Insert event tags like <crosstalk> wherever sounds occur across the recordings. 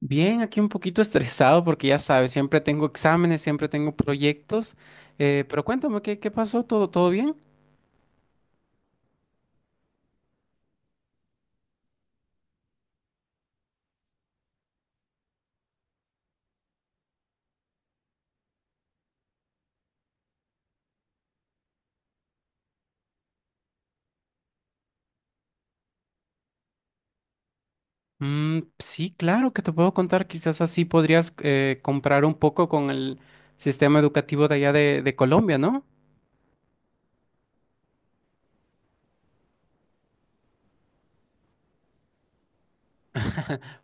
Bien, aquí un poquito estresado porque ya sabes, siempre tengo exámenes, siempre tengo proyectos, pero cuéntame, ¿qué pasó? ¿Todo bien? Mm, sí, claro que te puedo contar, quizás así podrías comprar un poco con el sistema educativo de allá de Colombia, ¿no?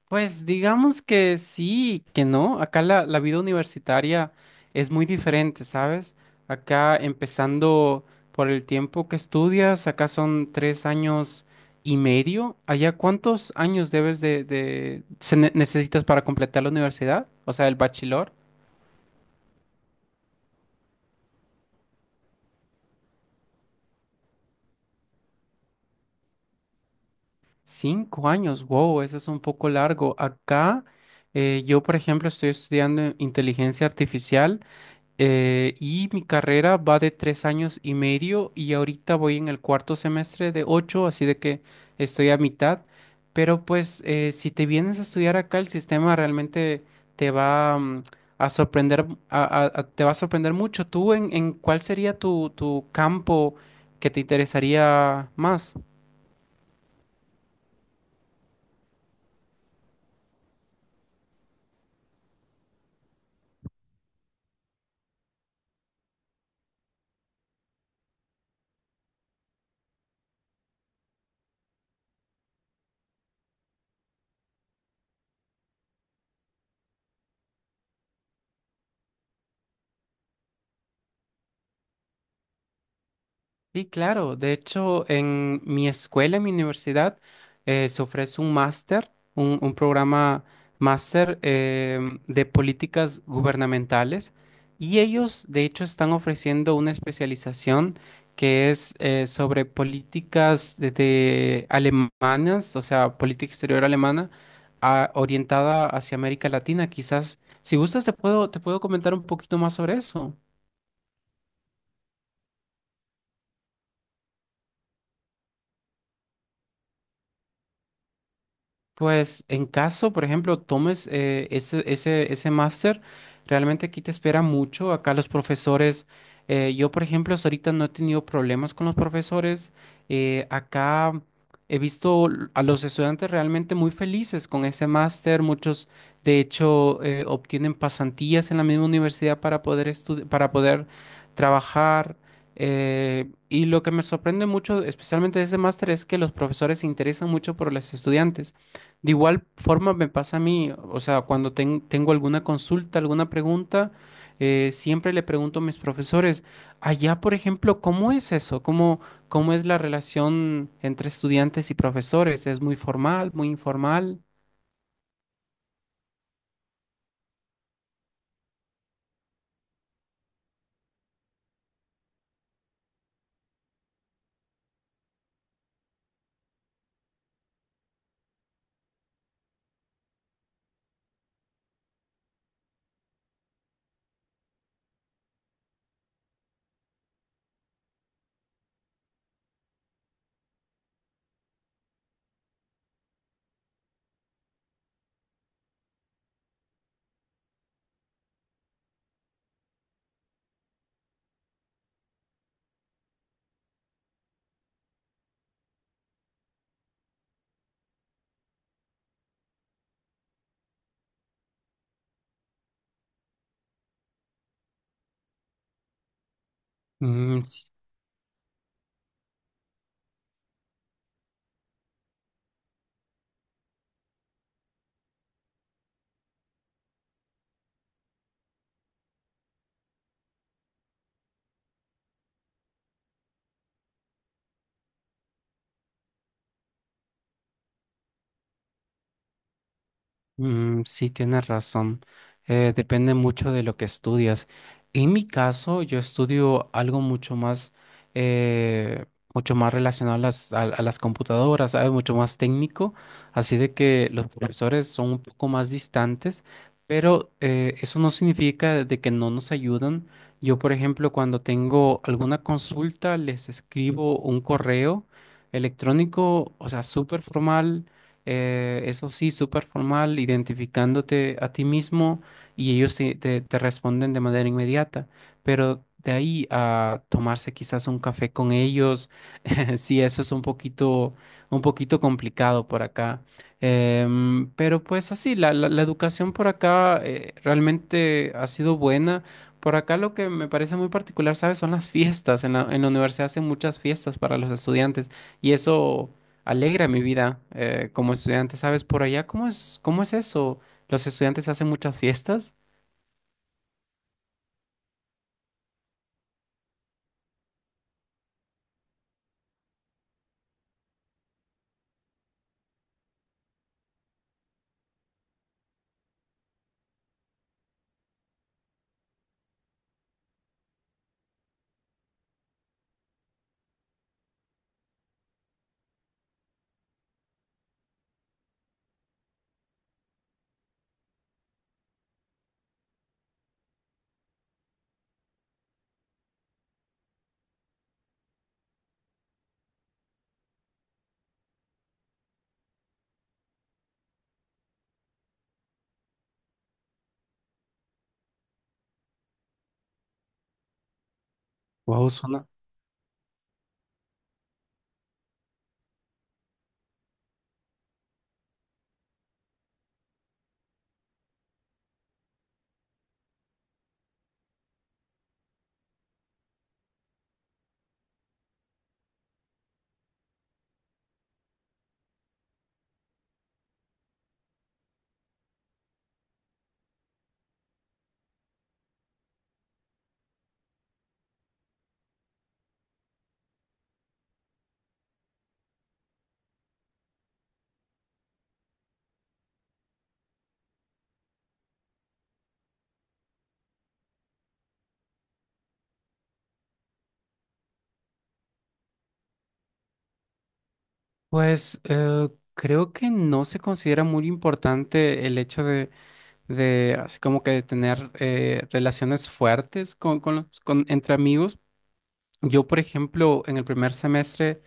Pues digamos que sí, que no. Acá la vida universitaria es muy diferente, ¿sabes? Acá empezando por el tiempo que estudias, acá son 3 años y medio. Allá, ¿cuántos años debes necesitas para completar la universidad? O sea, el bachelor. 5 años, wow, eso es un poco largo. Acá, yo, por ejemplo, estoy estudiando inteligencia artificial. Y mi carrera va de 3 años y medio y ahorita voy en el cuarto semestre de ocho, así de que estoy a mitad. Pero pues si te vienes a estudiar acá, el sistema realmente te va a sorprender, te va a sorprender mucho. ¿Tú en cuál sería tu campo que te interesaría más? Sí, claro. De hecho, en mi escuela, en mi universidad, se ofrece un máster, un programa máster, de políticas gubernamentales, y ellos, de hecho, están ofreciendo una especialización que es, sobre políticas de alemanas, o sea, política exterior alemana orientada hacia América Latina. Quizás, si gustas, te puedo comentar un poquito más sobre eso. Pues en caso, por ejemplo, tomes ese máster, realmente aquí te espera mucho. Acá los profesores, yo por ejemplo, hasta ahorita no he tenido problemas con los profesores. Acá he visto a los estudiantes realmente muy felices con ese máster. Muchos, de hecho, obtienen pasantías en la misma universidad para poder trabajar. Y lo que me sorprende mucho, especialmente de ese máster, es que los profesores se interesan mucho por los estudiantes. De igual forma me pasa a mí, o sea, cuando tengo alguna consulta, alguna pregunta, siempre le pregunto a mis profesores. Allá, por ejemplo, ¿cómo es eso? ¿Cómo es la relación entre estudiantes y profesores? ¿Es muy formal, muy informal? Mm, sí, tienes razón. Depende mucho de lo que estudias. En mi caso, yo estudio algo mucho más, eh, mucho más relacionado a las computadoras, ¿sabes? Mucho más técnico. Así de que los profesores son un poco más distantes, pero eso no significa de que no nos ayudan. Yo, por ejemplo, cuando tengo alguna consulta, les escribo un correo electrónico, o sea, súper formal, eso sí, súper formal, identificándote a ti mismo, y ellos te responden de manera inmediata. Pero de ahí a tomarse quizás un café con ellos, <laughs> sí, eso es un poquito complicado por acá. Pero pues así, la educación por acá, realmente ha sido buena. Por acá lo que me parece muy particular, ¿sabes? Son las fiestas. En la universidad hacen muchas fiestas para los estudiantes y eso alegra mi vida, como estudiante, ¿sabes? Por allá, ¿cómo es, eso? ¿Los estudiantes hacen muchas fiestas? Wow, suena. Pues creo que no se considera muy importante el hecho de, así como que de tener, relaciones fuertes entre amigos. Yo, por ejemplo, en el primer semestre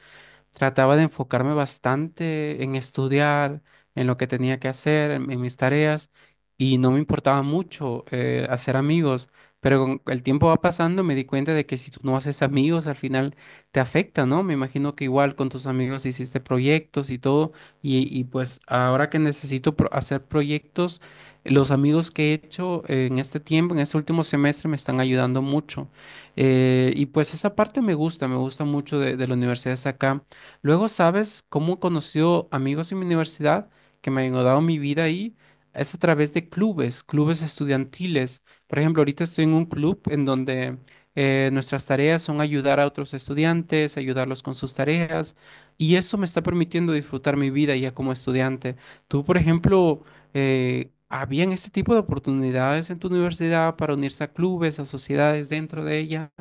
trataba de enfocarme bastante en estudiar, en lo que tenía que hacer, en mis tareas, y no me importaba mucho hacer amigos. Pero con el tiempo va pasando, me di cuenta de que si tú no haces amigos, al final te afecta, ¿no? Me imagino que igual con tus amigos hiciste proyectos y todo, y pues ahora que necesito hacer proyectos, los amigos que he hecho, en este tiempo, en este último semestre, me están ayudando mucho. Y pues esa parte me gusta mucho de la universidad de acá. Luego, ¿sabes cómo he conocido amigos en mi universidad que me han dado mi vida ahí? Es a través de clubes, clubes estudiantiles. Por ejemplo, ahorita estoy en un club en donde, nuestras tareas son ayudar a otros estudiantes, ayudarlos con sus tareas, y eso me está permitiendo disfrutar mi vida ya como estudiante. Tú, por ejemplo, ¿habían este tipo de oportunidades en tu universidad para unirse a clubes, a sociedades dentro de ella?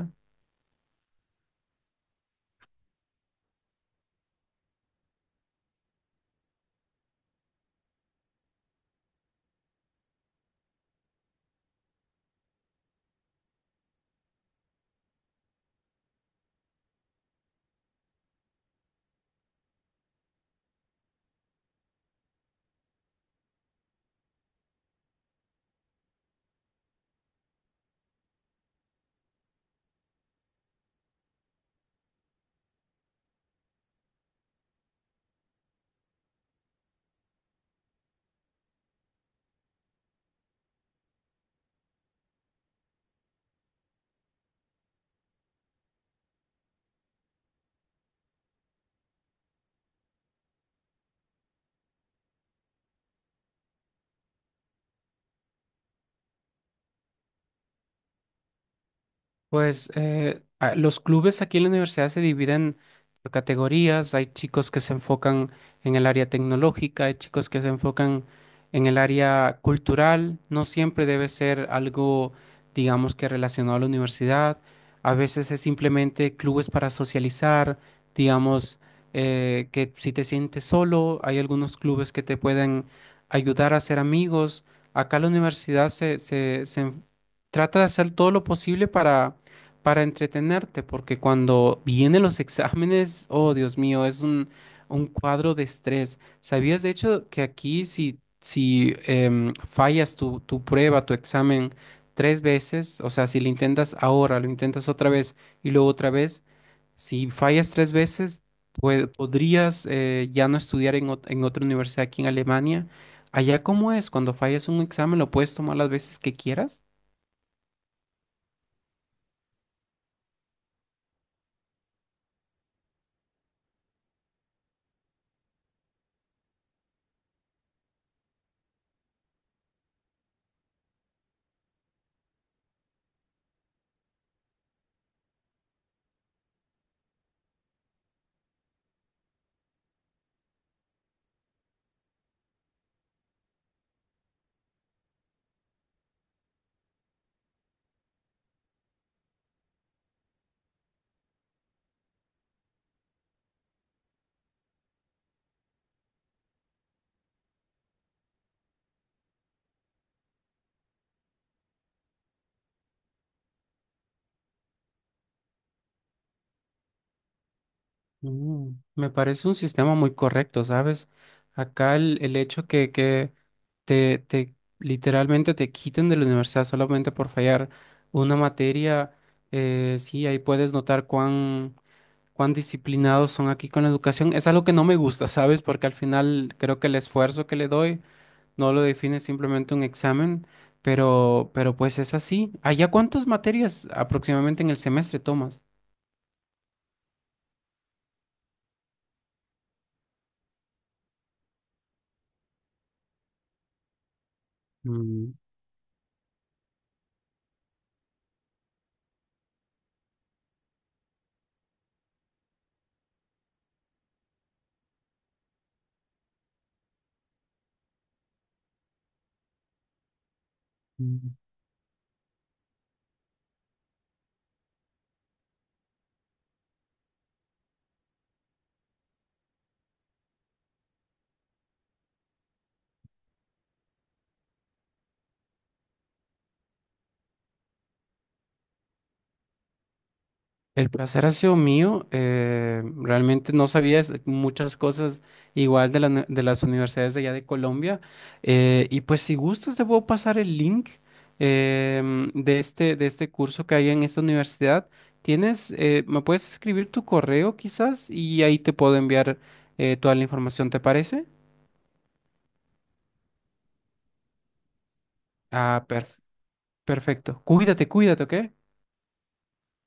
Pues los clubes aquí en la universidad se dividen por categorías. Hay chicos que se enfocan en el área tecnológica, hay chicos que se enfocan en el área cultural. No siempre debe ser algo, digamos, que relacionado a la universidad. A veces es simplemente clubes para socializar. Digamos, que si te sientes solo, hay algunos clubes que te pueden ayudar a ser amigos. Acá la universidad se trata de hacer todo lo posible para entretenerte, porque cuando vienen los exámenes, oh Dios mío, es un cuadro de estrés. ¿Sabías de hecho que aquí si fallas tu prueba, tu examen 3 veces, o sea, si lo intentas ahora, lo intentas otra vez y luego otra vez, si fallas 3 veces, podrías, ya no estudiar en otra universidad aquí en Alemania? ¿Allá cómo es? Cuando fallas un examen, ¿lo puedes tomar las veces que quieras? Mm, me parece un sistema muy correcto, ¿sabes? Acá el hecho que, te, literalmente te quiten de la universidad solamente por fallar una materia, sí, ahí puedes notar cuán disciplinados son aquí con la educación. Es algo que no me gusta, ¿sabes? Porque al final creo que el esfuerzo que le doy no lo define simplemente un examen, pero pues es así. ¿Allá cuántas materias aproximadamente en el semestre tomas? Mm. El placer ha sido mío. Realmente no sabía muchas cosas igual de las universidades de allá de Colombia. Y pues si gustas, te puedo pasar el link, de este curso que hay en esta universidad. Me puedes escribir tu correo quizás y ahí te puedo enviar, toda la información, ¿te parece? Ah, perfecto. Cuídate, cuídate, ¿ok?